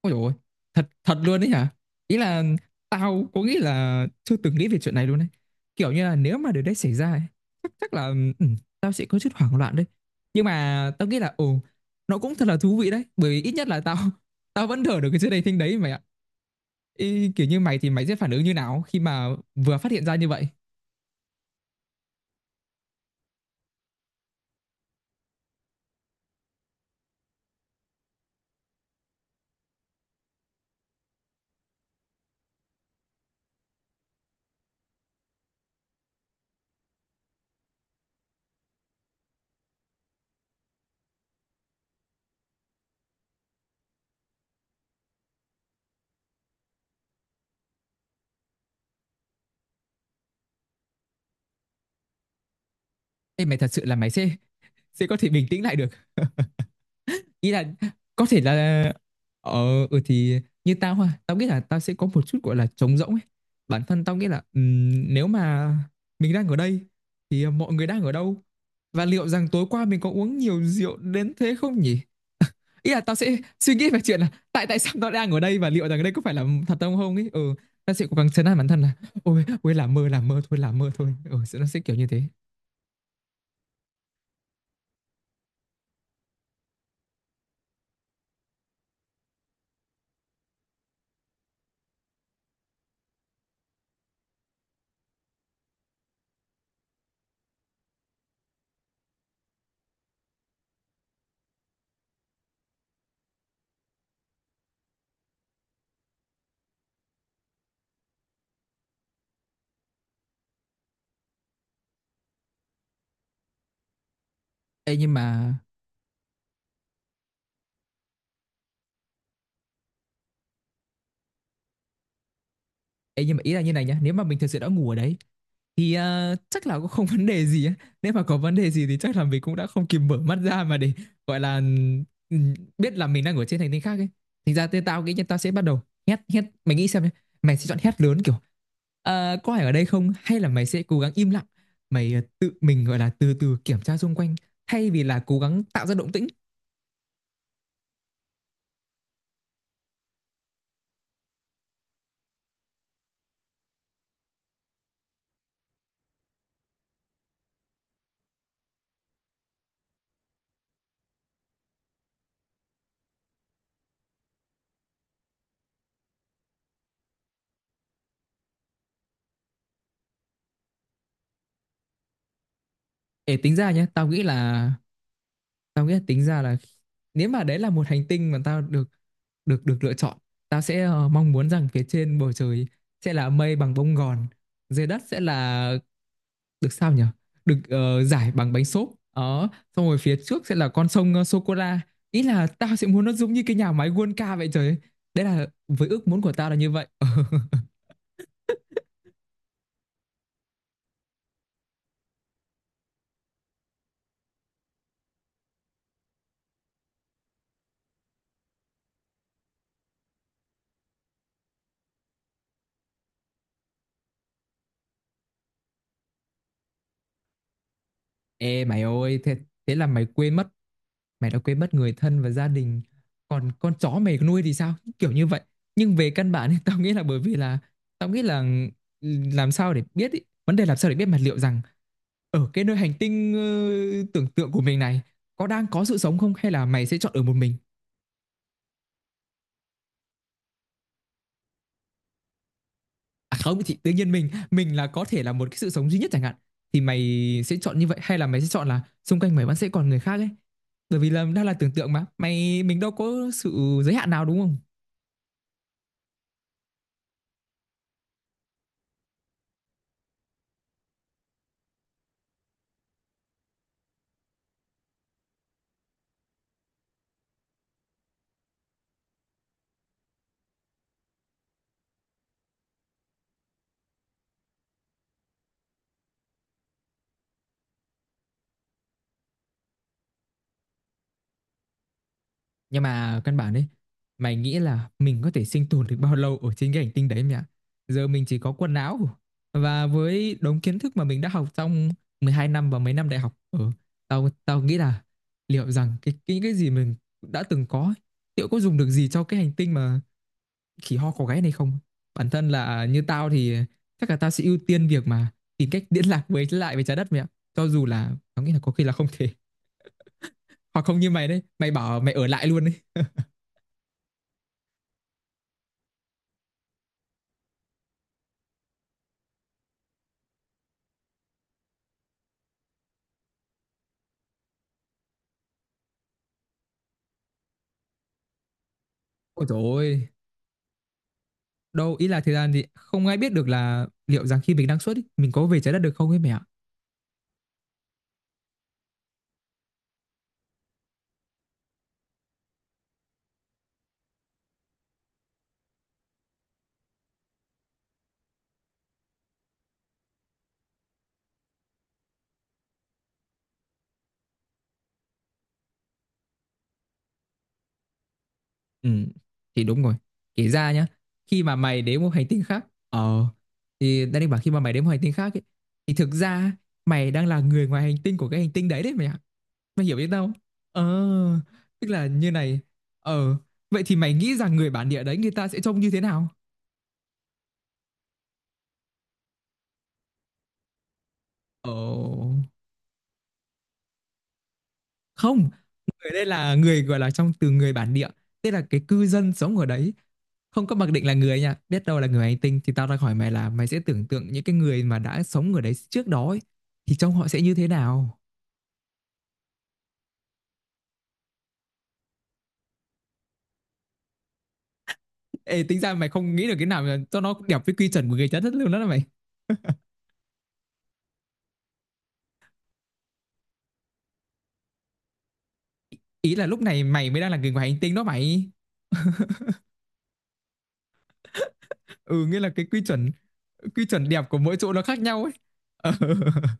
Ôi dồi ôi, thật thật luôn đấy hả? Ý là tao có nghĩ là chưa từng nghĩ về chuyện này luôn đấy. Kiểu như là nếu mà điều đấy xảy ra ấy, chắc chắc là ừ, tao sẽ có chút hoảng loạn đấy. Nhưng mà tao nghĩ là nó cũng thật là thú vị đấy, bởi vì ít nhất là tao tao vẫn thở được cái chuyện đầy thinh đấy mày ạ. Ý, kiểu như mày thì mày sẽ phản ứng như nào khi mà vừa phát hiện ra như vậy? Ê, mày thật sự là mày sẽ có thể bình tĩnh lại được. Ý là có thể là ờ ừ thì như tao ha, tao nghĩ là tao sẽ có một chút gọi là trống rỗng ấy. Bản thân tao nghĩ là nếu mà mình đang ở đây thì mọi người đang ở đâu, và liệu rằng tối qua mình có uống nhiều rượu đến thế không nhỉ. Ý là tao sẽ suy nghĩ về chuyện là tại tại sao tao đang ở đây và liệu rằng đây có phải là thật không không ấy. Ừ Tao sẽ cố gắng trấn an bản thân là ôi ôi, làm mơ thôi, ừ, nó sẽ kiểu như thế. Ê, nhưng mà Ê, nhưng mà ý là như này nhá, nếu mà mình thực sự đã ngủ ở đấy thì chắc là cũng không vấn đề gì á. Nếu mà có vấn đề gì thì chắc là mình cũng đã không kịp mở mắt ra mà để gọi là ừ, biết là mình đang ở trên hành tinh khác ấy. Thành ra tao nghĩ tao sẽ bắt đầu hét hét, mày nghĩ xem nhá, mày sẽ chọn hét lớn kiểu "Ờ, có ai ở đây không", hay là mày sẽ cố gắng im lặng, mày tự mình gọi là từ từ kiểm tra xung quanh, thay vì là cố gắng tạo ra động tĩnh. Để tính ra nhá, tao nghĩ là tính ra là nếu mà đấy là một hành tinh mà tao được được được lựa chọn, tao sẽ mong muốn rằng phía trên bầu trời sẽ là mây bằng bông gòn, dưới đất sẽ là, được sao nhỉ, được giải bằng bánh xốp đó, xong rồi phía trước sẽ là con sông sô cô la. Ý là tao sẽ muốn nó giống như cái nhà máy World Cup vậy, trời ơi. Đấy là với ước muốn của tao là như vậy. Ê, mày ơi, thế, thế là mày quên mất, mày đã quên mất người thân và gia đình, còn con chó mày nuôi thì sao, kiểu như vậy. Nhưng về căn bản thì tao nghĩ là làm sao để biết ý. Vấn đề làm sao để biết mà liệu rằng ở cái nơi hành tinh tưởng tượng của mình này có đang có sự sống không, hay là mày sẽ chọn ở một mình? À, không thì tự nhiên mình là có thể là một cái sự sống duy nhất chẳng hạn, thì mày sẽ chọn như vậy hay là mày sẽ chọn là xung quanh mày vẫn sẽ còn người khác ấy? Bởi vì là đang là tưởng tượng mà, mày mình đâu có sự giới hạn nào, đúng không? Nhưng mà căn bản ấy, mày nghĩ là mình có thể sinh tồn được bao lâu ở trên cái hành tinh đấy mẹ ạ? Giờ mình chỉ có quần áo và với đống kiến thức mà mình đã học trong 12 năm và mấy năm đại học ở, tao tao nghĩ là liệu rằng cái gì mình đã từng có ấy, liệu có dùng được gì cho cái hành tinh mà khỉ ho có gáy này không? Bản thân là như tao thì chắc là tao sẽ ưu tiên việc mà tìm cách liên lạc với lại với trái đất mẹ ạ. Cho dù là tao nghĩ là có khi là không thể, hoặc không như mày đấy, mày bảo mày ở lại luôn đấy. Ôi trời ơi, đâu, ý là thời gian thì không ai biết được là liệu rằng khi mình đang xuất ý, mình có về trái đất được không ấy mẹ ạ. Ừ, thì đúng rồi. Kể ra nhá, khi mà mày đến một hành tinh khác, thì đang định bảo khi mà mày đến một hành tinh khác ấy, thì thực ra mày đang là người ngoài hành tinh của cái hành tinh đấy đấy mày ạ. Mày hiểu biết không? Ờ, tức là như này. Ờ, vậy thì mày nghĩ rằng người bản địa đấy người ta sẽ trông như thế nào? Ờ, không, người đây là người gọi là trong từ người bản địa, tức là cái cư dân sống ở đấy, không có mặc định là người nha, biết đâu là người hành tinh, thì tao đang hỏi mày là mày sẽ tưởng tượng những cái người mà đã sống ở đấy trước đó ấy, thì trong họ sẽ như thế nào? Ê, tính ra mày không nghĩ được cái nào mà cho nó đẹp với quy chuẩn của người trái đất luôn đó là mày. Ý là lúc này mày mới đang là người ngoài hành tinh đó mày. Ừ, nghĩa là cái quy chuẩn, quy chuẩn đẹp của mỗi chỗ nó khác nhau ấy. Ờ,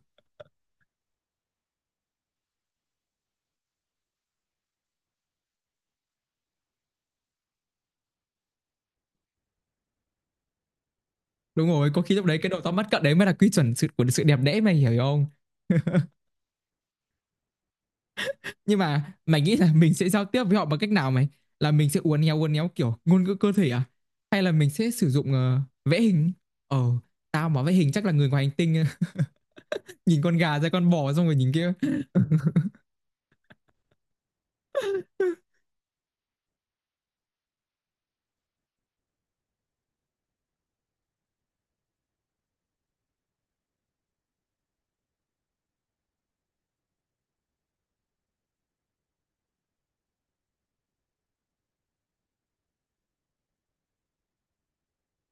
đúng rồi, có khi lúc đấy cái độ to mắt cận đấy mới là quy chuẩn sự của sự đẹp đẽ, mày hiểu không? Nhưng mà mày nghĩ là mình sẽ giao tiếp với họ bằng cách nào mày, là mình sẽ uốn éo kiểu ngôn ngữ cơ thể à, hay là mình sẽ sử dụng vẽ hình, ờ tao mà vẽ hình chắc là người ngoài hành tinh nhìn con gà ra con bò xong rồi nhìn kia.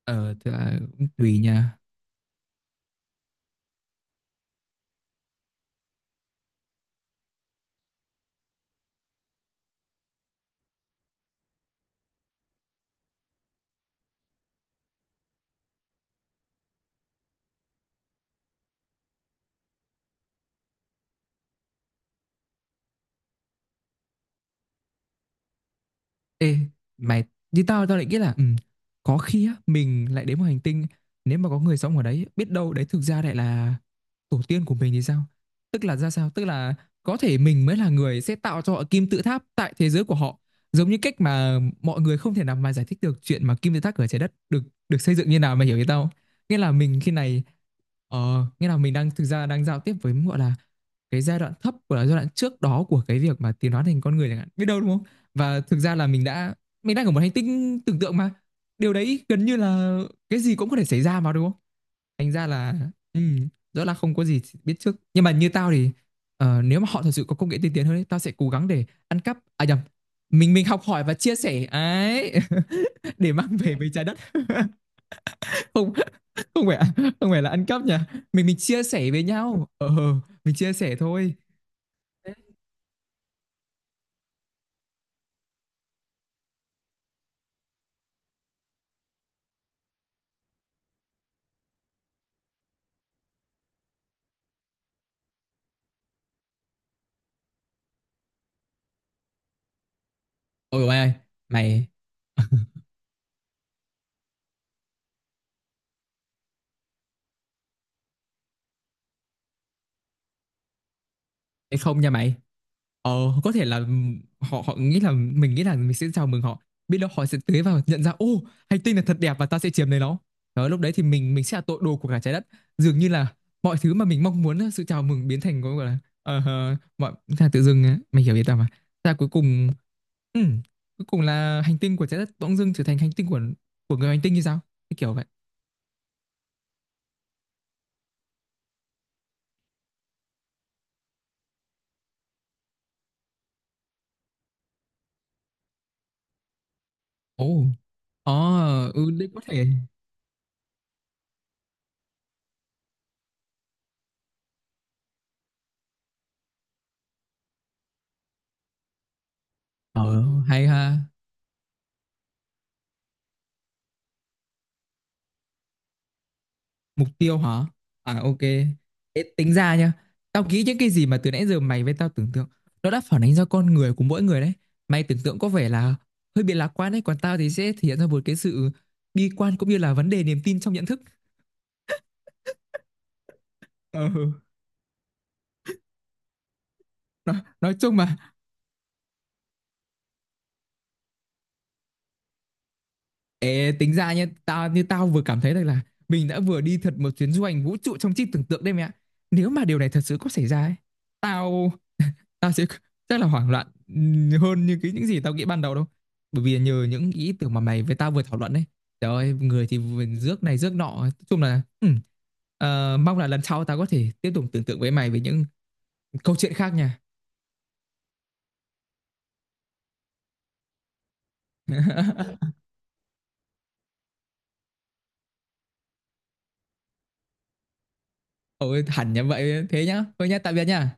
Ờ thì là cũng tùy nha. Ê, mày, như tao tao lại nghĩ là có khi á, mình lại đến một hành tinh, nếu mà có người sống ở đấy biết đâu đấy thực ra lại là tổ tiên của mình thì sao? Tức là ra sao? Tức là có thể mình mới là người sẽ tạo cho họ kim tự tháp tại thế giới của họ, giống như cách mà mọi người không thể nào mà giải thích được chuyện mà kim tự tháp ở trái đất được được xây dựng như nào, mày hiểu ý tao không? Nghĩa là mình khi này, ờ, nghĩa là mình đang thực ra đang giao tiếp với gọi là cái giai đoạn thấp của là giai đoạn trước đó của cái việc mà tiến hóa thành con người chẳng hạn, biết đâu đúng không. Và thực ra là mình đã, mình đang ở một hành tinh tưởng tượng mà, điều đấy gần như là cái gì cũng có thể xảy ra mà đúng không, thành ra là ừ, rõ là không có gì biết trước. Nhưng mà như tao thì nếu mà họ thật sự có công nghệ tiên tiến hơn ấy, tao sẽ cố gắng để ăn cắp, à nhầm, mình học hỏi và chia sẻ ấy, để mang về với trái đất. Không, không phải không phải là ăn cắp nha, mình chia sẻ với nhau mình chia sẻ thôi. Ôi mày ơi, mày, Ê, không nha mày, ờ có thể là họ họ nghĩ là mình sẽ chào mừng họ, biết đâu họ sẽ tới và nhận ra ô, hành tinh là thật đẹp và ta sẽ chiếm lấy nó. Đó, lúc đấy thì mình sẽ là tội đồ của cả trái đất, dường như là mọi thứ mà mình mong muốn sự chào mừng biến thành cái gọi là ờ, mọi là tự dưng á, mày hiểu ý tao mà. Ta cuối cùng, ừ, cuối cùng là hành tinh của trái đất bỗng dưng trở thành hành tinh của người hành tinh như sao? Cái kiểu vậy. Ồ, ờ, ừ, đấy có thể. Ờ, hay ha. Mục tiêu hả? À, ok. Thế tính ra nhá. Tao nghĩ những cái gì mà từ nãy giờ mày với tao tưởng tượng, nó đã phản ánh ra con người của mỗi người đấy. Mày tưởng tượng có vẻ là hơi bị lạc quan đấy, còn tao thì sẽ thể hiện ra một cái sự bi quan cũng như là vấn đề niềm tin trong nhận thức. Ờ, nói chung mà, Ê, tính ra nhé, tao vừa cảm thấy rằng là mình đã vừa đi thật một chuyến du hành vũ trụ trong trí tưởng tượng đây mẹ ạ. Nếu mà điều này thật sự có xảy ra ấy, tao tao sẽ rất là hoảng loạn hơn như cái những gì tao nghĩ ban đầu đâu. Bởi vì nhờ những ý tưởng mà mày với tao vừa thảo luận đấy. Trời ơi, người thì vừa rước này rước nọ, nói chung là mong là lần sau tao có thể tiếp tục tưởng tượng với mày về những câu chuyện khác nha. Ôi hẳn như vậy thế nhá. Thôi nhá, tạm biệt nha.